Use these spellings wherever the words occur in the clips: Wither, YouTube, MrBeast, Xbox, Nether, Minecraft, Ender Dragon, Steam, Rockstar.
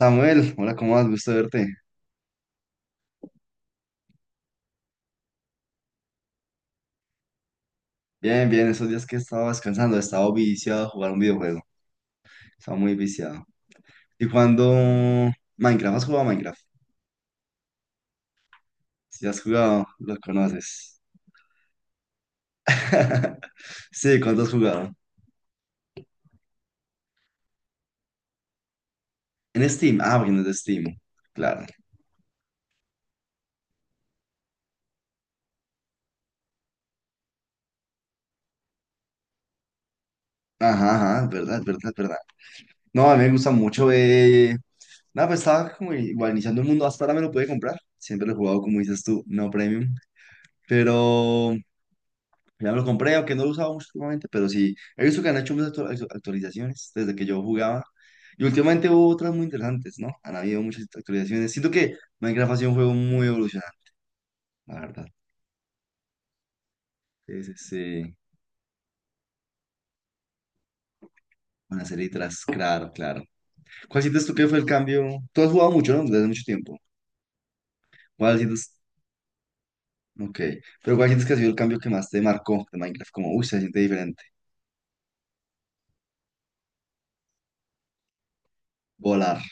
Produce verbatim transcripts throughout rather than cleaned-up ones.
Samuel, hola, ¿cómo vas? Gusto verte. Bien, bien, esos días que estaba descansando, estaba viciado a jugar un videojuego. Estaba muy viciado. ¿Y cuando Minecraft? ¿Has jugado a Minecraft? Si has jugado, lo conoces. Sí, ¿cuándo has jugado? En Steam. Ah, porque no es de Steam. Claro. Ajá, ajá, es verdad, es verdad, es verdad. No, a mí me gusta mucho. Eh... Nada, pues estaba como igual iniciando el mundo. Hasta ahora me lo pude comprar. Siempre lo he jugado, como dices tú, no premium. Pero. Ya me lo compré, aunque no lo usaba mucho últimamente, pero sí, he visto que han hecho muchas actua- actu- actualizaciones desde que yo jugaba. Y últimamente hubo otras muy interesantes, ¿no? Han habido muchas actualizaciones. Siento que Minecraft ha sido un juego muy evolucionante, la verdad. Sí, sí, sí. Una serie tras, claro, claro. ¿Cuál sientes tú que fue el cambio? Tú has jugado mucho, ¿no? Desde hace mucho tiempo. ¿Cuál sientes? Ok. Pero ¿cuál sientes que ha sido el cambio que más te marcó de Minecraft? Como, uy, se siente diferente. Volar.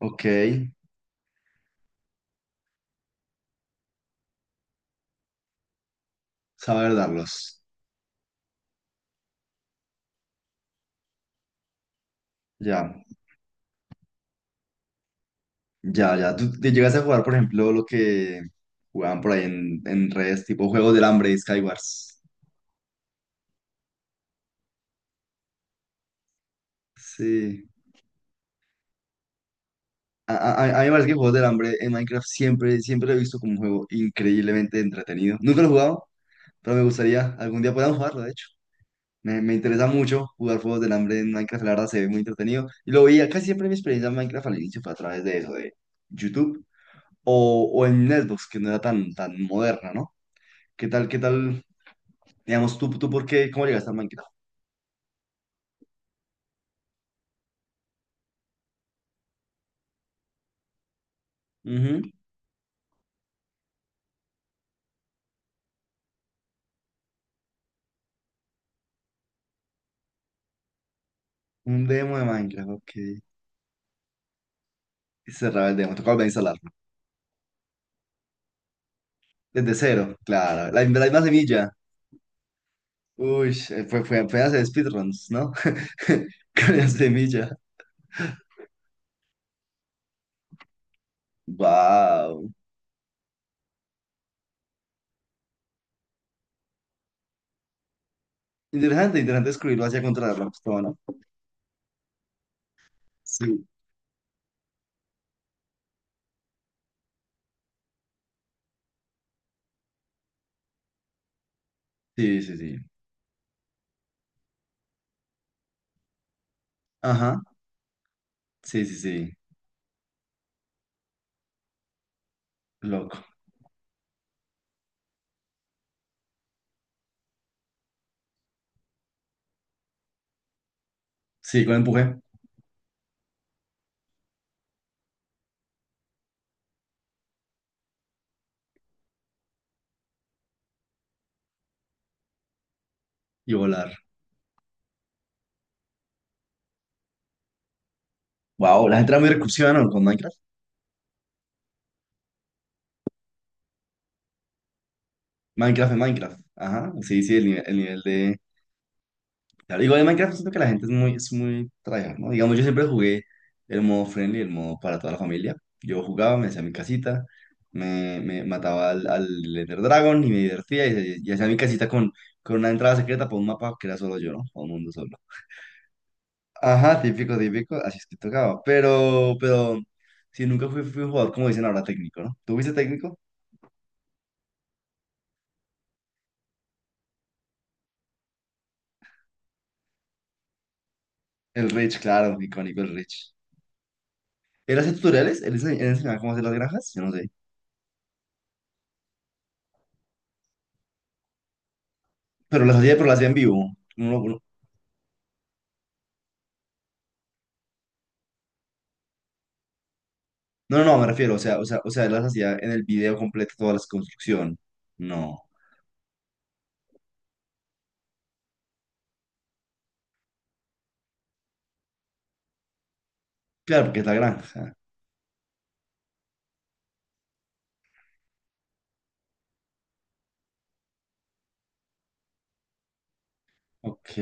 Ok. Saber darlos. Ya. Ya, ya. ¿Tú te llegas a jugar, por ejemplo, lo que jugaban por ahí en, en redes, tipo Juegos del Hambre, Skywars? Sí. A, a- a- a mí me parece que Juegos del Hambre en Minecraft siempre, siempre lo he visto como un juego increíblemente entretenido. Nunca lo he jugado, pero me gustaría algún día podamos jugarlo, de hecho. Me, me interesa mucho jugar Juegos del Hambre en Minecraft, la verdad se ve muy entretenido. Y lo veía casi siempre mi experiencia en Minecraft al inicio fue a través de eso, de YouTube o, o en Xbox, que no era tan, tan moderna, ¿no? ¿Qué tal, qué tal? Digamos, tú, tú, ¿por qué? ¿Cómo llegaste a Minecraft? Ujú. Un demo de Minecraft, ok. Y cerraba el demo, tocaba volver a instalarlo. Desde cero, claro. La, la misma semilla. Uy, eh, fue, fue apenas de speedruns, ¿no? Con la semilla. Wow. Interesante, interesante descubrirlo hacia contra la Rockstar, ¿no? Sí. Sí, sí, sí. Ajá. Sí, sí, sí. Loco. Sí, con empuje y volar. Wow, la gente era muy recursiva, ¿no? Con Minecraft. Minecraft es Minecraft. Ajá. Sí, sí, el nivel, el nivel de. Claro, igual en Minecraft siento que la gente es muy, es muy tryhard, ¿no? Digamos, yo siempre jugué el modo friendly, el modo para toda la familia. Yo jugaba, me hacía mi casita, me, me mataba al, al Ender Dragon y me divertía y, y hacía mi casita con, con una entrada secreta para un mapa que era solo yo, ¿no? Para un mundo solo. Ajá, típico, típico, así es que tocaba. Pero, pero, sí, nunca fui, fui un jugador, como dicen ahora, técnico, ¿no? ¿Tú fuiste técnico? El Rich, claro, icónico el Rich. ¿Él hacía tutoriales? ¿Él ense- él enseñaba cómo hacer las granjas? Yo no sé. Pero las hacía, pero las hacía en vivo. Uno, uno No, no, no, me refiero, o sea, o sea, o sea, él las hacía en el video completo toda la construcción. No. Claro, porque es la granja. Ok.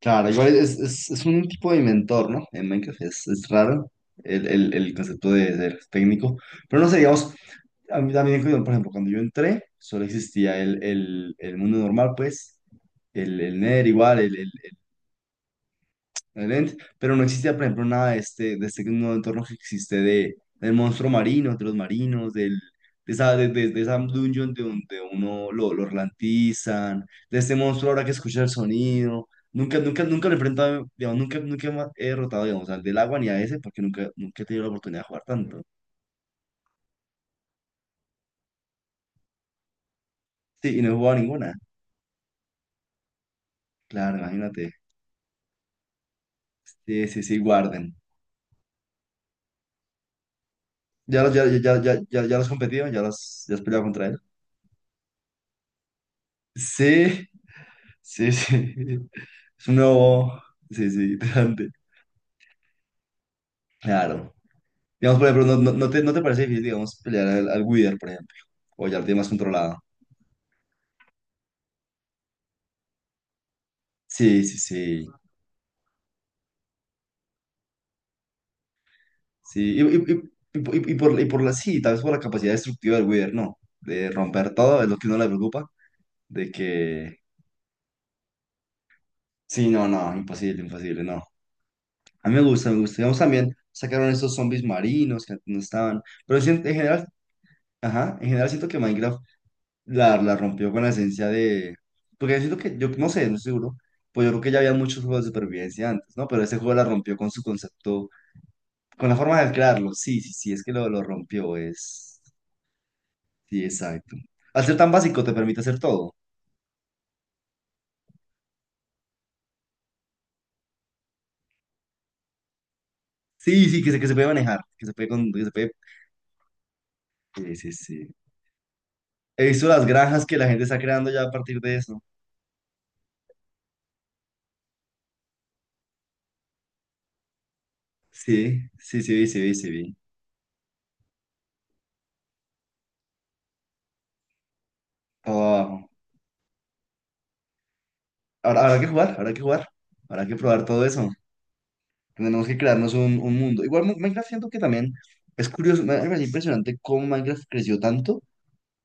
Claro, igual es, es, es un tipo de inventor, ¿no? En Minecraft es, es raro el, el, el concepto de ser técnico. Pero no sé, digamos, a mí también, cuando- por ejemplo, cuando yo entré, solo existía el, el, el mundo normal, pues, el, el Nether igual, el, el, excelente, pero no existía, por ejemplo, nada de este, de este nuevo entorno que existe de, del monstruo marino, de los marinos, del, de, esa, de, de- de esa dungeon de donde uno lo, lo ralentizan, de este monstruo ahora que escucha el sonido. Nunca, nunca, nunca lo he enfrentado, digamos, nunca, nunca ma- he derrotado, digamos, al del agua ni a ese, porque nunca, nunca he tenido la oportunidad de jugar tanto. Sí, y no he jugado ninguna. Claro, imagínate. Sí, sí, sí, guarden. ¿Ya los, ya, ya, ya, ya, ya ya los competido? ¿Ya los, ya has peleado contra? Sí, sí, sí. Es un nuevo. Sí, sí, interesante. Claro. Digamos, por ejemplo, no, no, no te, no te parece difícil, digamos, pelear al, al Wither, por ejemplo. O ya lo tienes más controlado. Sí, sí, sí. Sí. Y, y, y, y por, y por y por la sí, tal vez por la capacidad destructiva del Wither, no. De romper todo, es lo que uno le preocupa. De que. Sí, no, no, imposible, imposible, no. A mí me gusta, me gusta. Digamos, también sacaron estos zombies marinos que antes no estaban. Pero sí, en en general, ajá, en general siento que Minecraft la, la rompió con la esencia de. Porque yo siento que, yo no sé, no estoy seguro, pues yo creo que ya había muchos juegos de supervivencia antes, ¿no? Pero ese juego la rompió con su concepto, con la forma de crearlo. Sí, sí, sí, es que lo, lo rompió, es. Sí, exacto. Al ser tan básico te permite hacer todo. Sí, sí, que se, que se puede manejar, que se puede. Con, que se puede. Sí, sí, sí. He visto las granjas que la gente está creando ya a partir de eso. Sí, sí, sí, vi, sí, vi, sí, vi. Oh, ahora habrá que jugar, habrá que jugar, habrá que probar todo eso. Tenemos que crearnos un, un mundo. Igual Mo- Minecraft siento que también es curioso, me me parece impresionante cómo Minecraft creció tanto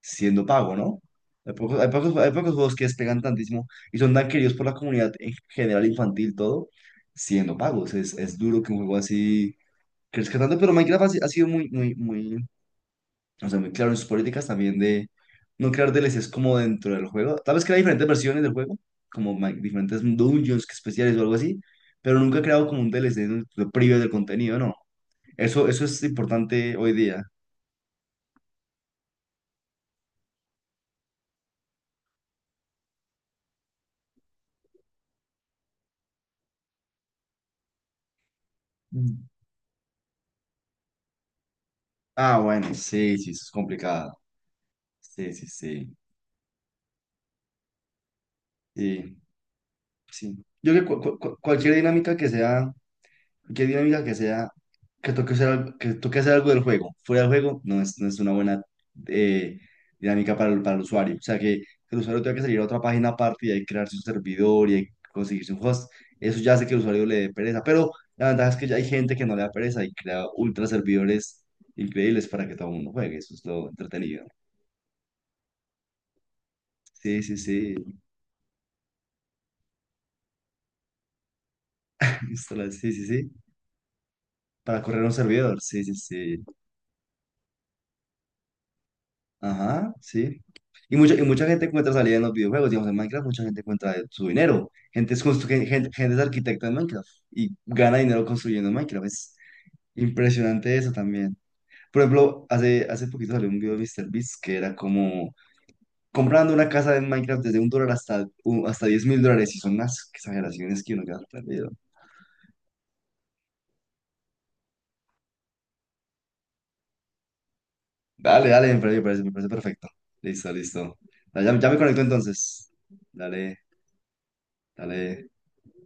siendo pago, ¿no? Hay pocos, hay pocos, hay pocos juegos que despegan tantísimo y son tan queridos por la comunidad en general infantil, todo, siendo pagos. Es, es duro que un juego así crezca tanto, pero Minecraft ha, si- ha sido muy, muy, muy, o sea, muy claro en sus políticas también de no crear D L Cs como dentro del juego. Tal vez crea diferentes versiones del juego, como ma- diferentes dungeons que especiales o algo así, pero nunca ha creado como un D L C donde lo prive del contenido, no. Eso, eso es importante hoy día. Mm. Ah, bueno, sí, sí, eso es complicado. Sí, sí, sí. Sí, sí. Yo creo que cu- cu- cu- cualquier dinámica que sea. Cualquier dinámica que sea, que toque hacer, al- que toque hacer algo del juego. Fuera del juego no es, no es una buena eh, dinámica para el, para el usuario. O sea, que, que el usuario tenga que salir a otra página aparte y ahí crear su servidor y ahí conseguir su host. Eso ya hace que el usuario le dé pereza. Pero la ventaja es que ya hay gente que no le da pereza y crea ultra servidores increíbles para que todo el mundo juegue. Eso es lo entretenido. Sí, sí, sí. Instala- Sí, sí, sí. Para correr un servidor. Sí, sí, sí. Ajá, sí. Y mucha, y mucha gente encuentra salida en los videojuegos. Digamos, en Minecraft mucha gente encuentra su dinero. Gente es, constru- gen- gen- gente, es arquitecta en Minecraft y gana dinero construyendo en Minecraft. Es impresionante eso también. Por ejemplo, hace, hace poquito salió un video de Míster Beast que era como comprando una casa en Minecraft desde un dólar hasta, u- hasta diez mil dólares. Y son unas exageraciones que uno queda perdido. Dale, dale, me parece, me parece, me parece perfecto. Listo, listo. Ya, ya me conecto entonces. Dale, dale.